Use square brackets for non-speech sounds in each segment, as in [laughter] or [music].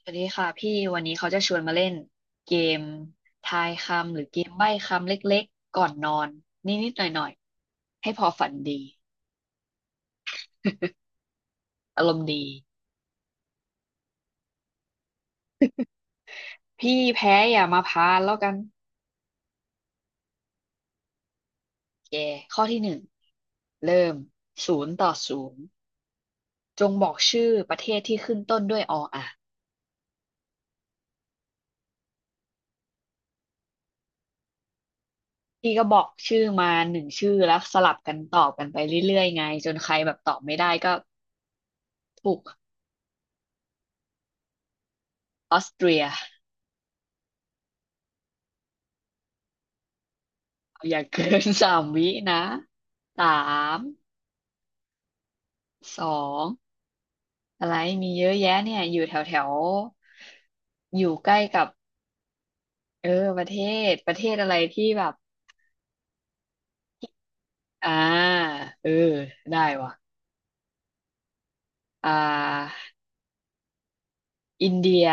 สวัสดีค่ะพี่วันนี้เขาจะชวนมาเล่นเกมทายคำหรือเกมใบ้คำเล็กๆก่อนนอนนิดๆหน่อยๆให้พอฝันดี [laughs] อารมณ์ดีพี่แพ้อย่ามาพานแล้วกันแกข้อที่หนึ่งเริ่มศูนย์ต่อศูนย์จงบอกชื่อประเทศที่ขึ้นต้นด้วยออ่ะพี่ก็บอกชื่อมาหนึ่งชื่อแล้วสลับกันตอบกันไปเรื่อยๆไงจนใครแบบตอบไม่ได้ก็ถูกออสเตรียอย่าเกิน [laughs] สามวินะสาม สองอะไรมีเยอะแยะเนี่ยอยู่แถวแถวอยู่ใกล้กับเออประเทศประเทศอะไรที่แบบอ่าเออได้ว่ะอ่าอินเดีย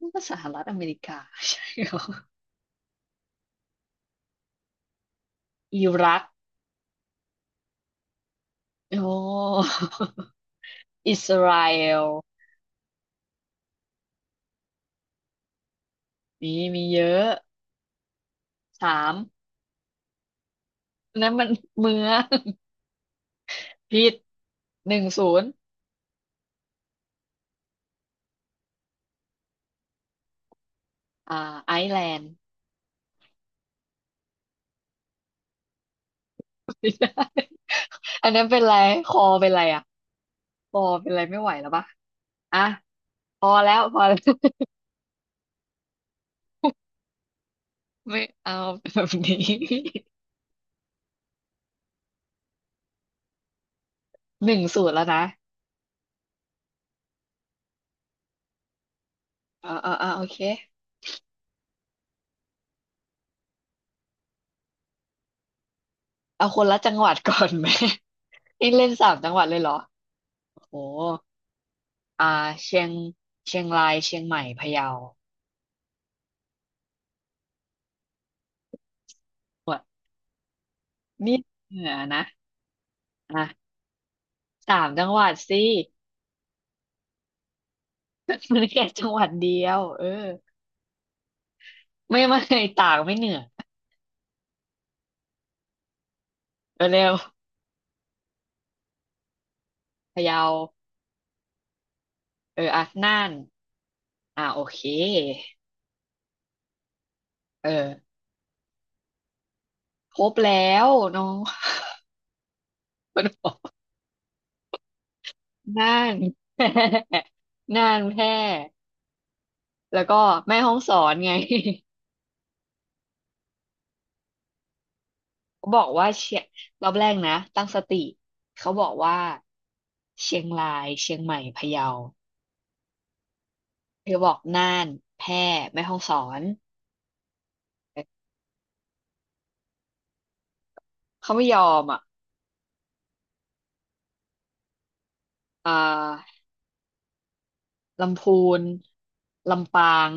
มันก็สหรัฐอเมริกา [laughs] ใช่เหรออิรักโอ้อิสราเอลนี่มีเยอะสามนั่นมันเมืองผิดหนึ่งศูนย์อ่าไอซ์แลนด์ [laughs] ไม่ได้อันนั้นเป็นไรคอเป็นไรอ่ะ ปอเป็นอะไรไม่ไหวแล้วปะอ่ะพอแล้วพอแล้ว [laughs] ไม่เอาแบบนี้ [laughs] หนึ่งศูนย์แล้วนะเออเออเออโอเคเอาคนละจังหวัดก่อนไหม [laughs] นี่ [laughs] เล่นสามจังหวัดเลยเหรอโอ้โหอ่าเชียงเชียงรายเชียงใหม่พะเยาว่ะนี่เหนือนะอ่ะสามจังหวัดสิ [laughs] มันแค่จังหวัดเดียวเออไม่ไม่ตากไม่เหนือเออเร็วพะเยาเอออ่ะน่านอ่ะโอเคเออครบแล้วน้อง [laughs] มันบอก น่าน [laughs] น่านแพร่แล้วก็แม่ฮ่องสอนไง [laughs] เขาบอกว่าเชียงรอบแรกนะตั้งสติเขาบอกว่าเชียงรายเชียงใหม่พะเยาเธอบอกน่านแพร่แม่ฮ่องสอนเขาไม่ยอมอ่ะอ่าลำพูนลำปาง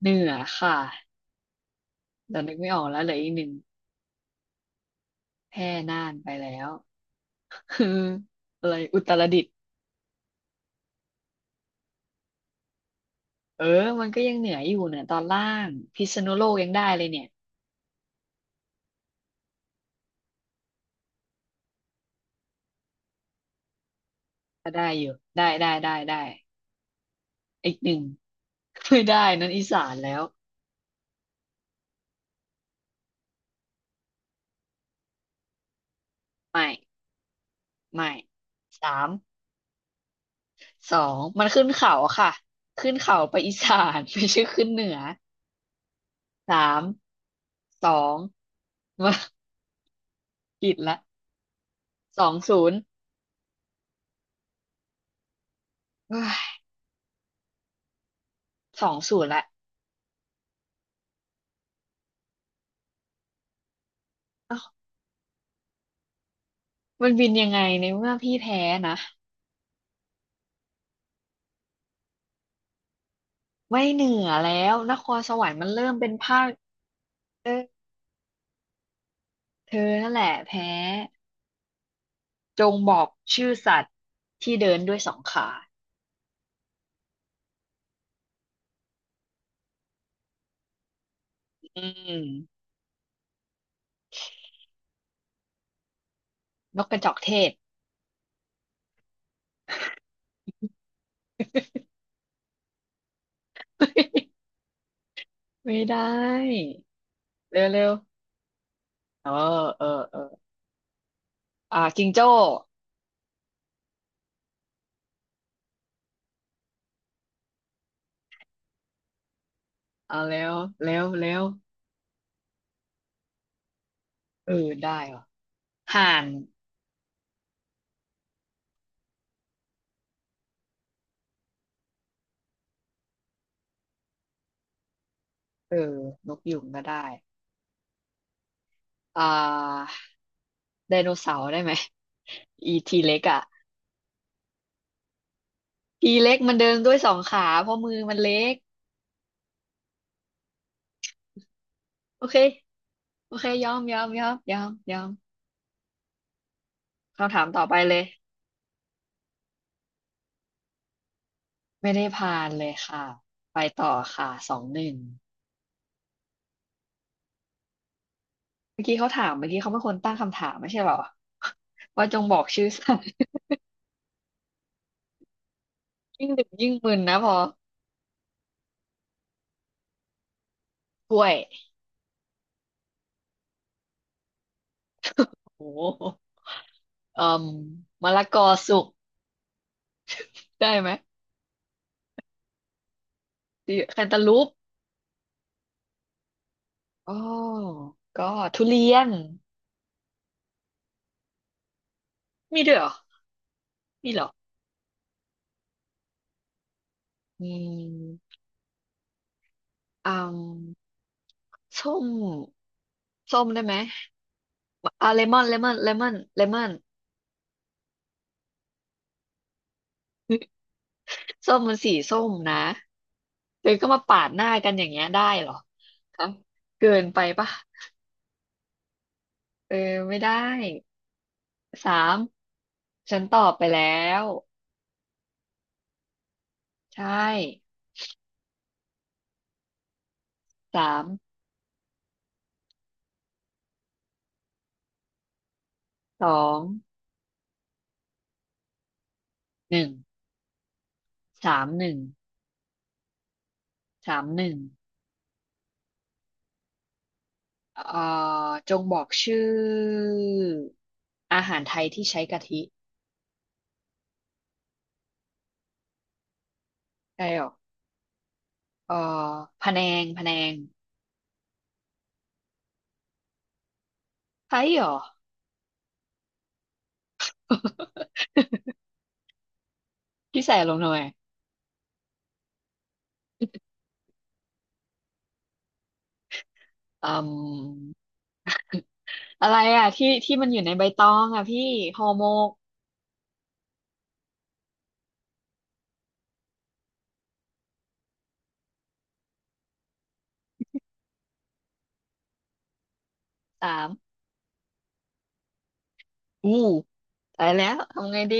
เหนือค่ะเดี๋ยวนึกไม่ออกแล้วเหลืออีกหนึ่งแพร่น่านไปแล้ว [laughs] คืออะไรอุตรดิตถ์เออมันก็ยังเหนืออยู่เนี่ยตอนล่างพิษณุโลกยังได้เลยเนี่ย ก็ได้อยู่ได้ได้ได้ได้อีกหนึ่งไม่ได้นั่นอีสานแล้วไม่ไม่สามสองมันขึ้นเขาค่ะขึ้นเขาไปอีสานไม่ใช่ขึ้นเหนือสามสองมาผิดละสองศูนย์เอ้ยสองศูนย์ละเอ้ามันบินยังไงในเมื่อพี่แพ้นะไม่เหนือแล้วนครสวรรค์มันเริ่มเป็นภาคเออเธอนั่นแหละแพ้จงบอกชื่อสัตว์ที่เดินด้วยสองขาอืม นกกระจอกเทศ [laughs] ไม่ได้เร็วเร็วเออเออเอออ่าจิงโจ้เอาแล้วเร็วเร็วเออได้ว่ะห่านเออนกยุงก็ได้อ่าไดโนเสาร์ได้ไหม [laughs] อีทีเล็กอ่ะทีเล็กมันเดินด้วยสองขาเพราะมือมันเล็กโอเคโอเคยอมยอมยอมยอมยอมคำถามต่อไปเลยไม่ได้ผ่านเลยค่ะไปต่อค่ะสองหนึ่ง เมื่อกี้เขาถามเมื่อกี้เขาเป็นคนตั้งคำถามไม่ใช่เหรอ [laughs] ว่าจงบอกชื่อสัตว์ [laughs] ยิ่งดึกยิ่งมึนนะพอกล้วยโอ้โหเอ่มมะละกอสุกได้ไหมดิแคนตาลูปอ๋อก็ทุเรียนมีด้วยเหรอมีเหรออืมอืมส้มส้มได้ไหมอ่าเลมอนเลมอนเลมอนเลมอน [laughs] ส้มมันสีส้มนะเธอก็มาปาดหน้ากันอย่างเงี้ยได้เหรอคะเกินไปปะเออไม่ได้ สามฉันตอบไปแล้วใช่สามสองหนึ่งสามหนึ่งสามหนึ่งเอ่จงบอกชื่ออาหารไทยที่ใช้กะทิใช่หรอเอ่อพะแนงพะแนงใช่หรอ [laughs] พี่ใส่ลงหน่อยอืมอะไรอ่ะที่ที่มันอยู่ในใบตองอ่ะพี่ห่อหมกสามอู้ตายแล้วทำไงดี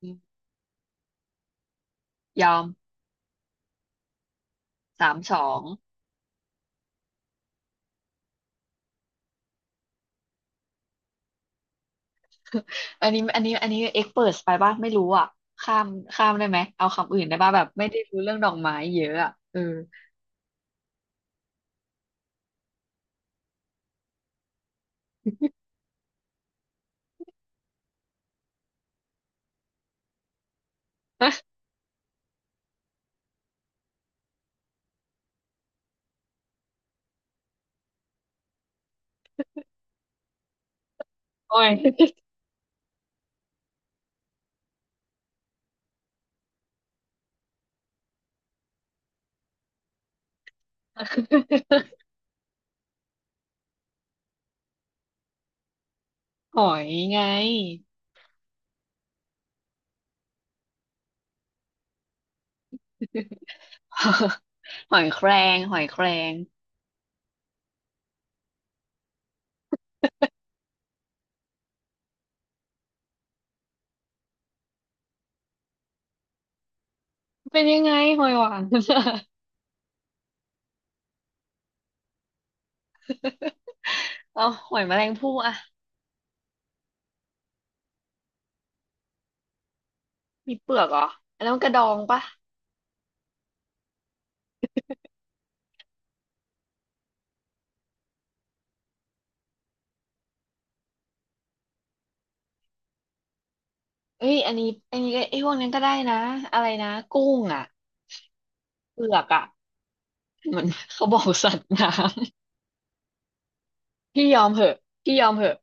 อืมยอมสามสอง อันนี้อันนี้อันนี้เอ็กเปิดไปป่ะไม่รู้อ่ะข้ามข้ามได้ไหมเอาคำอื่นได้ป่ะแบบไม่ได้รู้เรื่องดอกไม้เยอะอ่ะเออ [laughs] หอย [laughs] หอยไง [laughs] หอยแครงหอยแครงเป็นยังไงหอยหวาน [laughs] เอาหอยแมลงภู่อะมีเปลือกเหรออันนั้นมันกระดองปะเอ้ยอันนี้อันนี้ก็ไอ้ยพวกนั้นก็ได้นะอะไรนะกุ้งอะเปลือกอะมัน [laughs] เขาบอกสัตว์น้ำ [laughs] พี่ยอมเหอะพี่ยอมเหอะ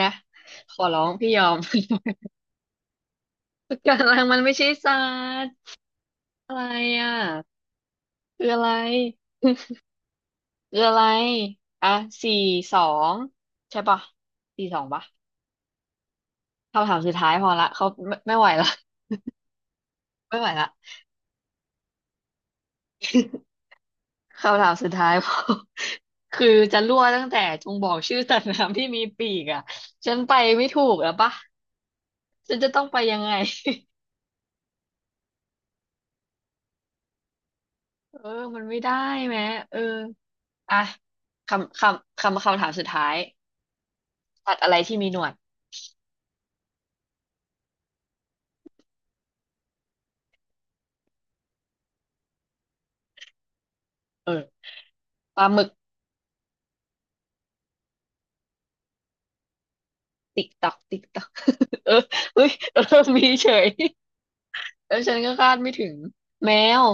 นะขอร้องพี่ยอม [laughs] ปะการังมันไม่ใช่สัตว์อะไรอ่ะคืออะไรคืออะไรอ่ะสี่สองใช่ปะสี่สองปะคำถามสุดท้ายพอละเขาไม่ไม่ไหวละ [laughs] ไม่ไหวละคำถามสุดท้ายพอ [laughs] คือจะรั่วตั้งแต่จงบอกชื่อสัตว์น้ำที่มีปีกอ่ะฉันไปไม่ถูกแล้วปะฉันจะต้องไปยังไง [laughs] เออมันไม่ได้แม้เอออ่ะคำถามสุดท้ายสัตว์อะไรที่มีหนวด เออปลาหมึกติ๊กตักติ๊กตัก [laughs] เออเฮ้ย [laughs] เออมีเฉย [laughs] แล้วฉันก็คาดไม่ถึงแมว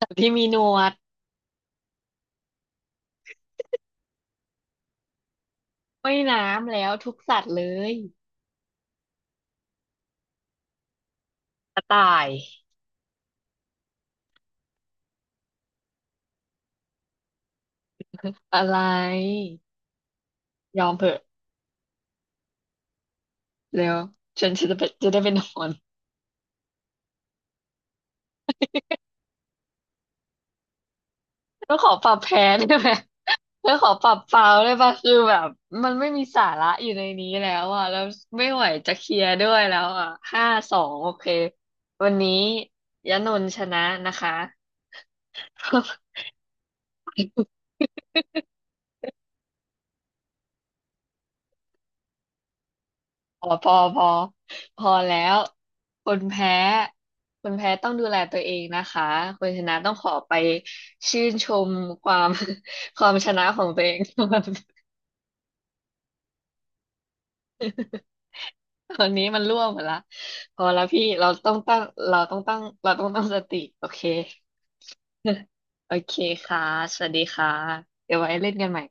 สัตว์ที่มีหนวดว่ายน้ำแล้วทุกสัตว์เลยกระต่ายอะไรยอมเถอะแล้วฉันจะไปจะได้ไปนอนแล้วขอปรับแพ้ได้ไหม [laughs] แล้วขอปรับฟาวได้ปะคือแบบมันไม่มีสาระอยู่ในนี้แล้วอ่ะแล้วไม่ไหวจะเคลียร์ด้วยแล้วอ่ะห้าสองโอเควันนี้ยะนนท์ชนะนะคะ พอพอพอพอแล้วคนแพ้คนแพ้ต้องดูแลตัวเองนะคะคนชนะต้องขอไปชื่นชมความ [laughs] ความชนะของตัวเอง [laughs] ก่อน [laughs] ตอนนี้มันร่วงหมดละพอแล้วพี่เราต้องตั้งสติโอเค [laughs] โอเคค่ะสวัสดีค่ะเดี๋ยวไว้เล่นกันใหม่